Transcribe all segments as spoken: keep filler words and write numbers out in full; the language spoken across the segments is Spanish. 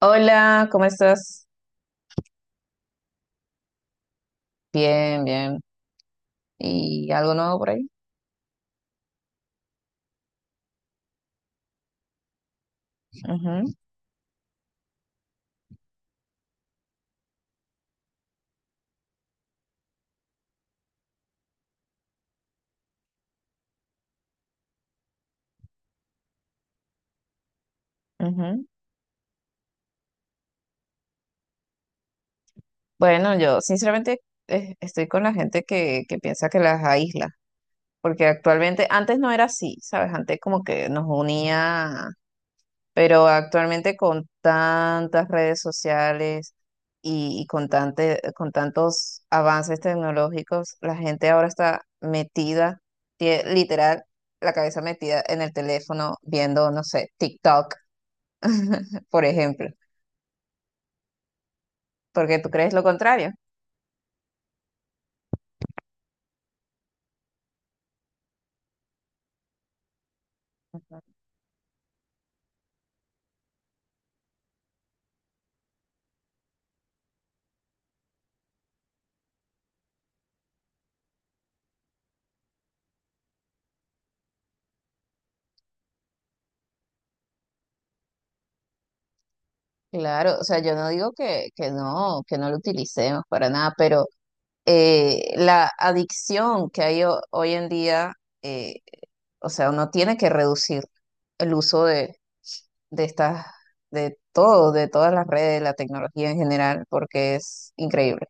Hola, ¿cómo estás? Bien, bien. ¿Y algo nuevo por ahí? Ujú, ujú. Bueno, yo sinceramente eh, estoy con la gente que, que piensa que las aísla, porque actualmente, antes no era así, ¿sabes? Antes como que nos unía, pero actualmente con tantas redes sociales y, y con tante- con tantos avances tecnológicos, la gente ahora está metida, tie- literal, la cabeza metida en el teléfono viendo, no sé, TikTok por ejemplo, porque tú crees lo contrario. Claro, o sea, yo no digo que, que no, que no lo utilicemos para nada, pero eh, la adicción que hay ho- hoy en día, eh, o sea, uno tiene que reducir el uso de, de estas, de todo, de todas las redes, la tecnología en general, porque es increíble.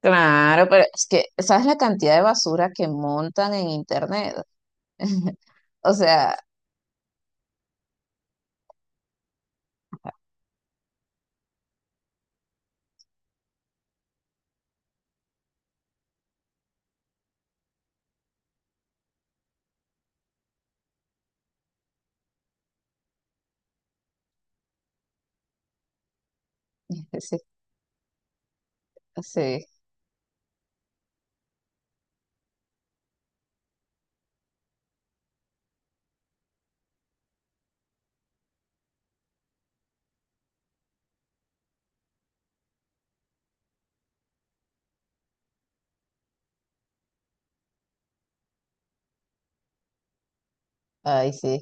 Claro, pero es que, ¿sabes la cantidad de basura que montan en internet? O sea, sí, sí, ay, sí.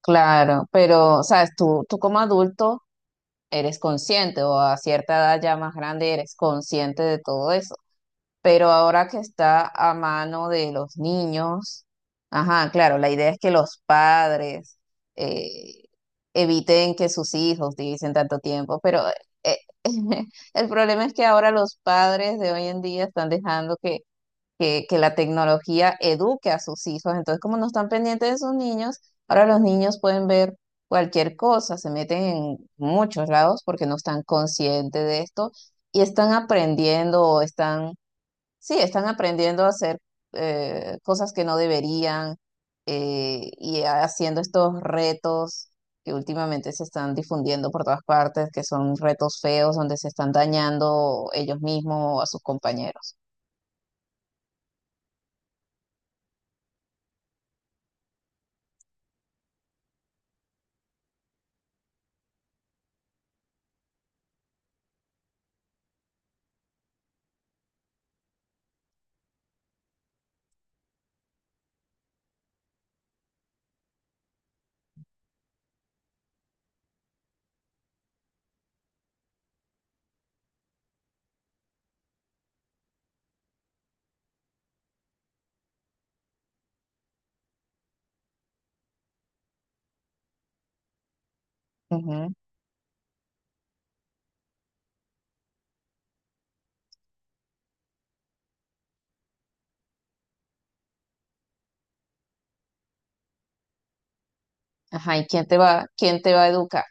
Claro, pero, sabes, tú, tú como adulto eres consciente o a cierta edad ya más grande eres consciente de todo eso. Pero ahora que está a mano de los niños, ajá, claro, la idea es que los padres eh, eviten que sus hijos utilicen tanto tiempo, pero eh, el problema es que ahora los padres de hoy en día están dejando que que, que la tecnología eduque a sus hijos. Entonces, como no están pendientes de sus niños, ahora los niños pueden ver cualquier cosa, se meten en muchos lados porque no están conscientes de esto y están aprendiendo o están, sí, están aprendiendo a hacer eh, cosas que no deberían, eh, y haciendo estos retos que últimamente se están difundiendo por todas partes, que son retos feos donde se están dañando ellos mismos o a sus compañeros. Ajá, ¿y quién te va, quién te va a educar?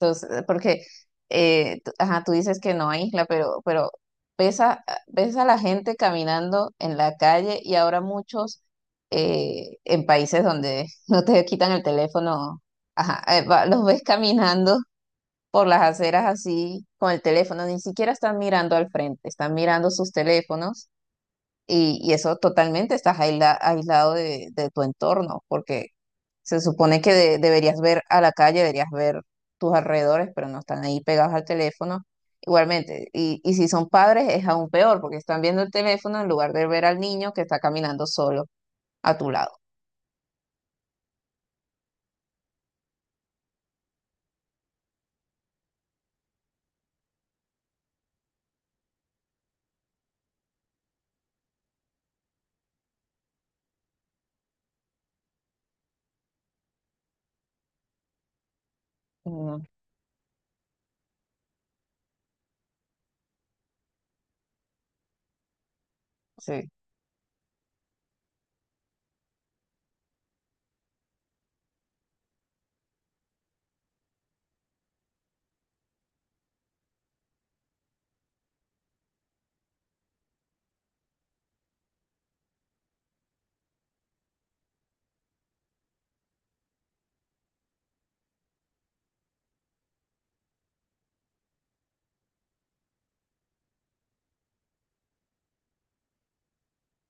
Entonces, porque, eh, tú- ajá, tú dices que no, hay Isla, pero, pero ves a, ves a la gente caminando en la calle y ahora muchos eh, en países donde no te quitan el teléfono, ajá, eh, va- los ves caminando por las aceras así con el teléfono, ni siquiera están mirando al frente, están mirando sus teléfonos y, y eso totalmente estás aisla- aislado de, de tu entorno, porque se supone que de- deberías ver a la calle, deberías ver tus alrededores, pero no están ahí pegados al teléfono. Igualmente, y, y si son padres es aún peor, porque están viendo el teléfono en lugar de ver al niño que está caminando solo a tu lado. Mm, sí.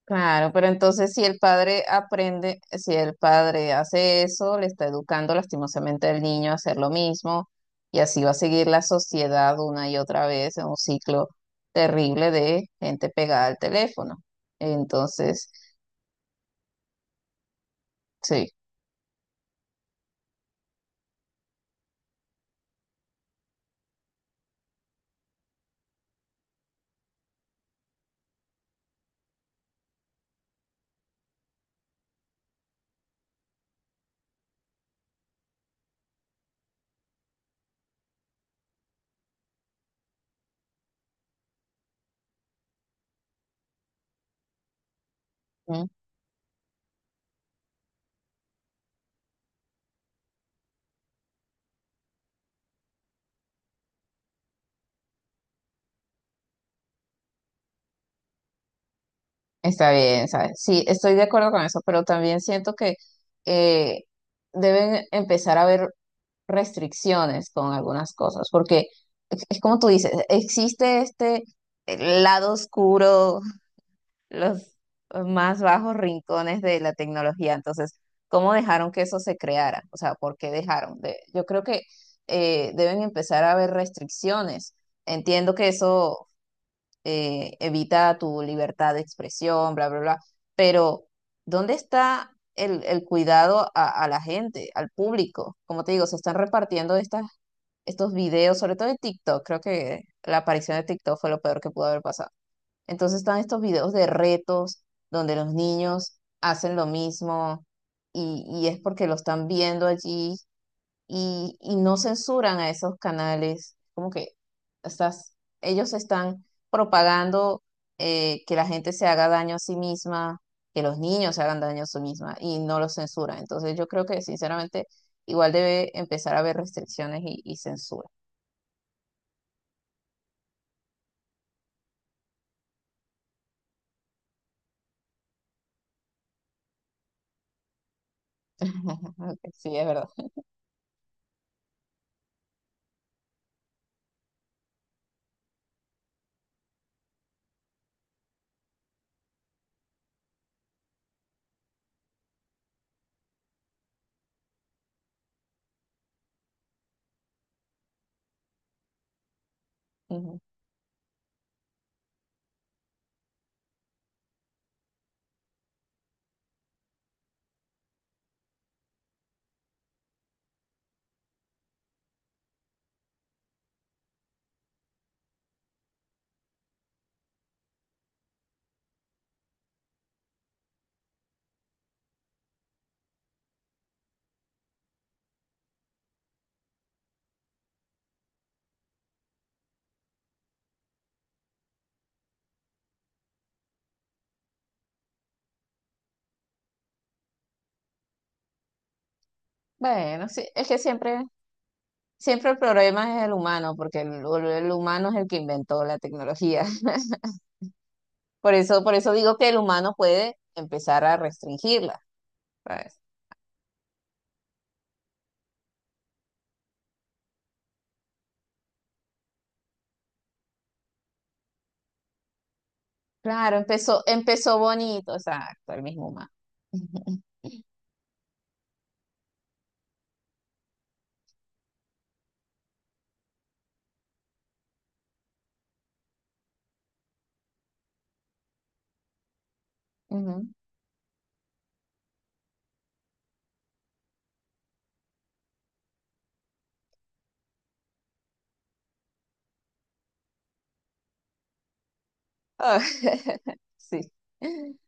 Claro, pero entonces si el padre aprende, si el padre hace eso, le está educando lastimosamente al niño a hacer lo mismo y así va a seguir la sociedad una y otra vez en un ciclo terrible de gente pegada al teléfono. Entonces, sí. Está bien, ¿sabes? Sí, estoy de acuerdo con eso, pero también siento que eh, deben empezar a haber restricciones con algunas cosas, porque es es como tú dices, existe este lado oscuro, los más bajos rincones de la tecnología, entonces, ¿cómo dejaron que eso se creara? O sea, ¿por qué dejaron? De- yo creo que eh, deben empezar a haber restricciones. Entiendo que eso eh, evita tu libertad de expresión, bla, bla, bla. Pero, ¿dónde está el, el cuidado a, a la gente, al público? Como te digo, se están repartiendo estas, estos videos, sobre todo de TikTok. Creo que la aparición de TikTok fue lo peor que pudo haber pasado. Entonces están estos videos de retos donde los niños hacen lo mismo y, y es porque lo están viendo allí y, y no censuran a esos canales, como que estás, ellos están propagando eh, que la gente se haga daño a sí misma, que los niños se hagan daño a sí misma y no los censuran. Entonces yo creo que sinceramente igual debe empezar a haber restricciones y, y censura. Sí, es verdad. Ujú. Bueno, sí, es que siempre, siempre el problema es el humano, porque el, el humano es el que inventó la tecnología. Por eso, por eso digo que el humano puede empezar a restringirla. Pues, claro, empezó, empezó bonito, exacto, el mismo humano. Ujú, ujú. Ah, sí.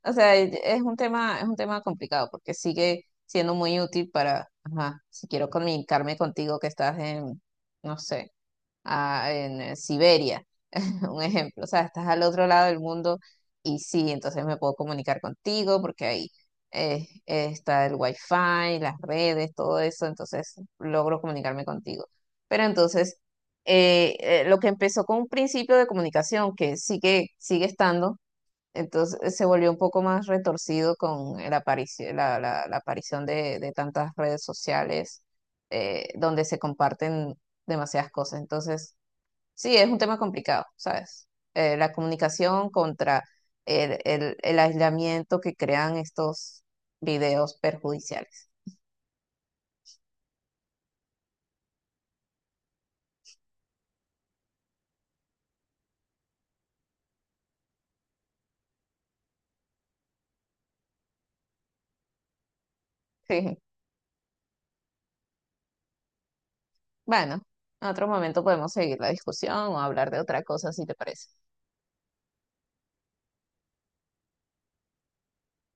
O sea, e- es un tema, es un tema complicado porque sigue siendo muy útil para, ajá, si quiero comunicarme contigo que estás en, no sé, a- en eh, Siberia, un ejemplo, o sea, estás al otro lado del mundo y sí, entonces me puedo comunicar contigo porque ahí eh, está el wifi, las redes, todo eso, entonces logro comunicarme contigo. Pero entonces, eh, eh, lo que empezó con un principio de comunicación que sigue, sigue estando, entonces eh, se volvió un poco más retorcido con el aparici- la, la- la aparición de, de tantas redes sociales, eh, donde se comparten demasiadas cosas. Entonces, sí, es un tema complicado, ¿sabes? Eh, la comunicación contra el, el- el aislamiento que crean estos videos perjudiciales. Sí. Bueno, en otro momento podemos seguir la discusión o hablar de otra cosa si te parece.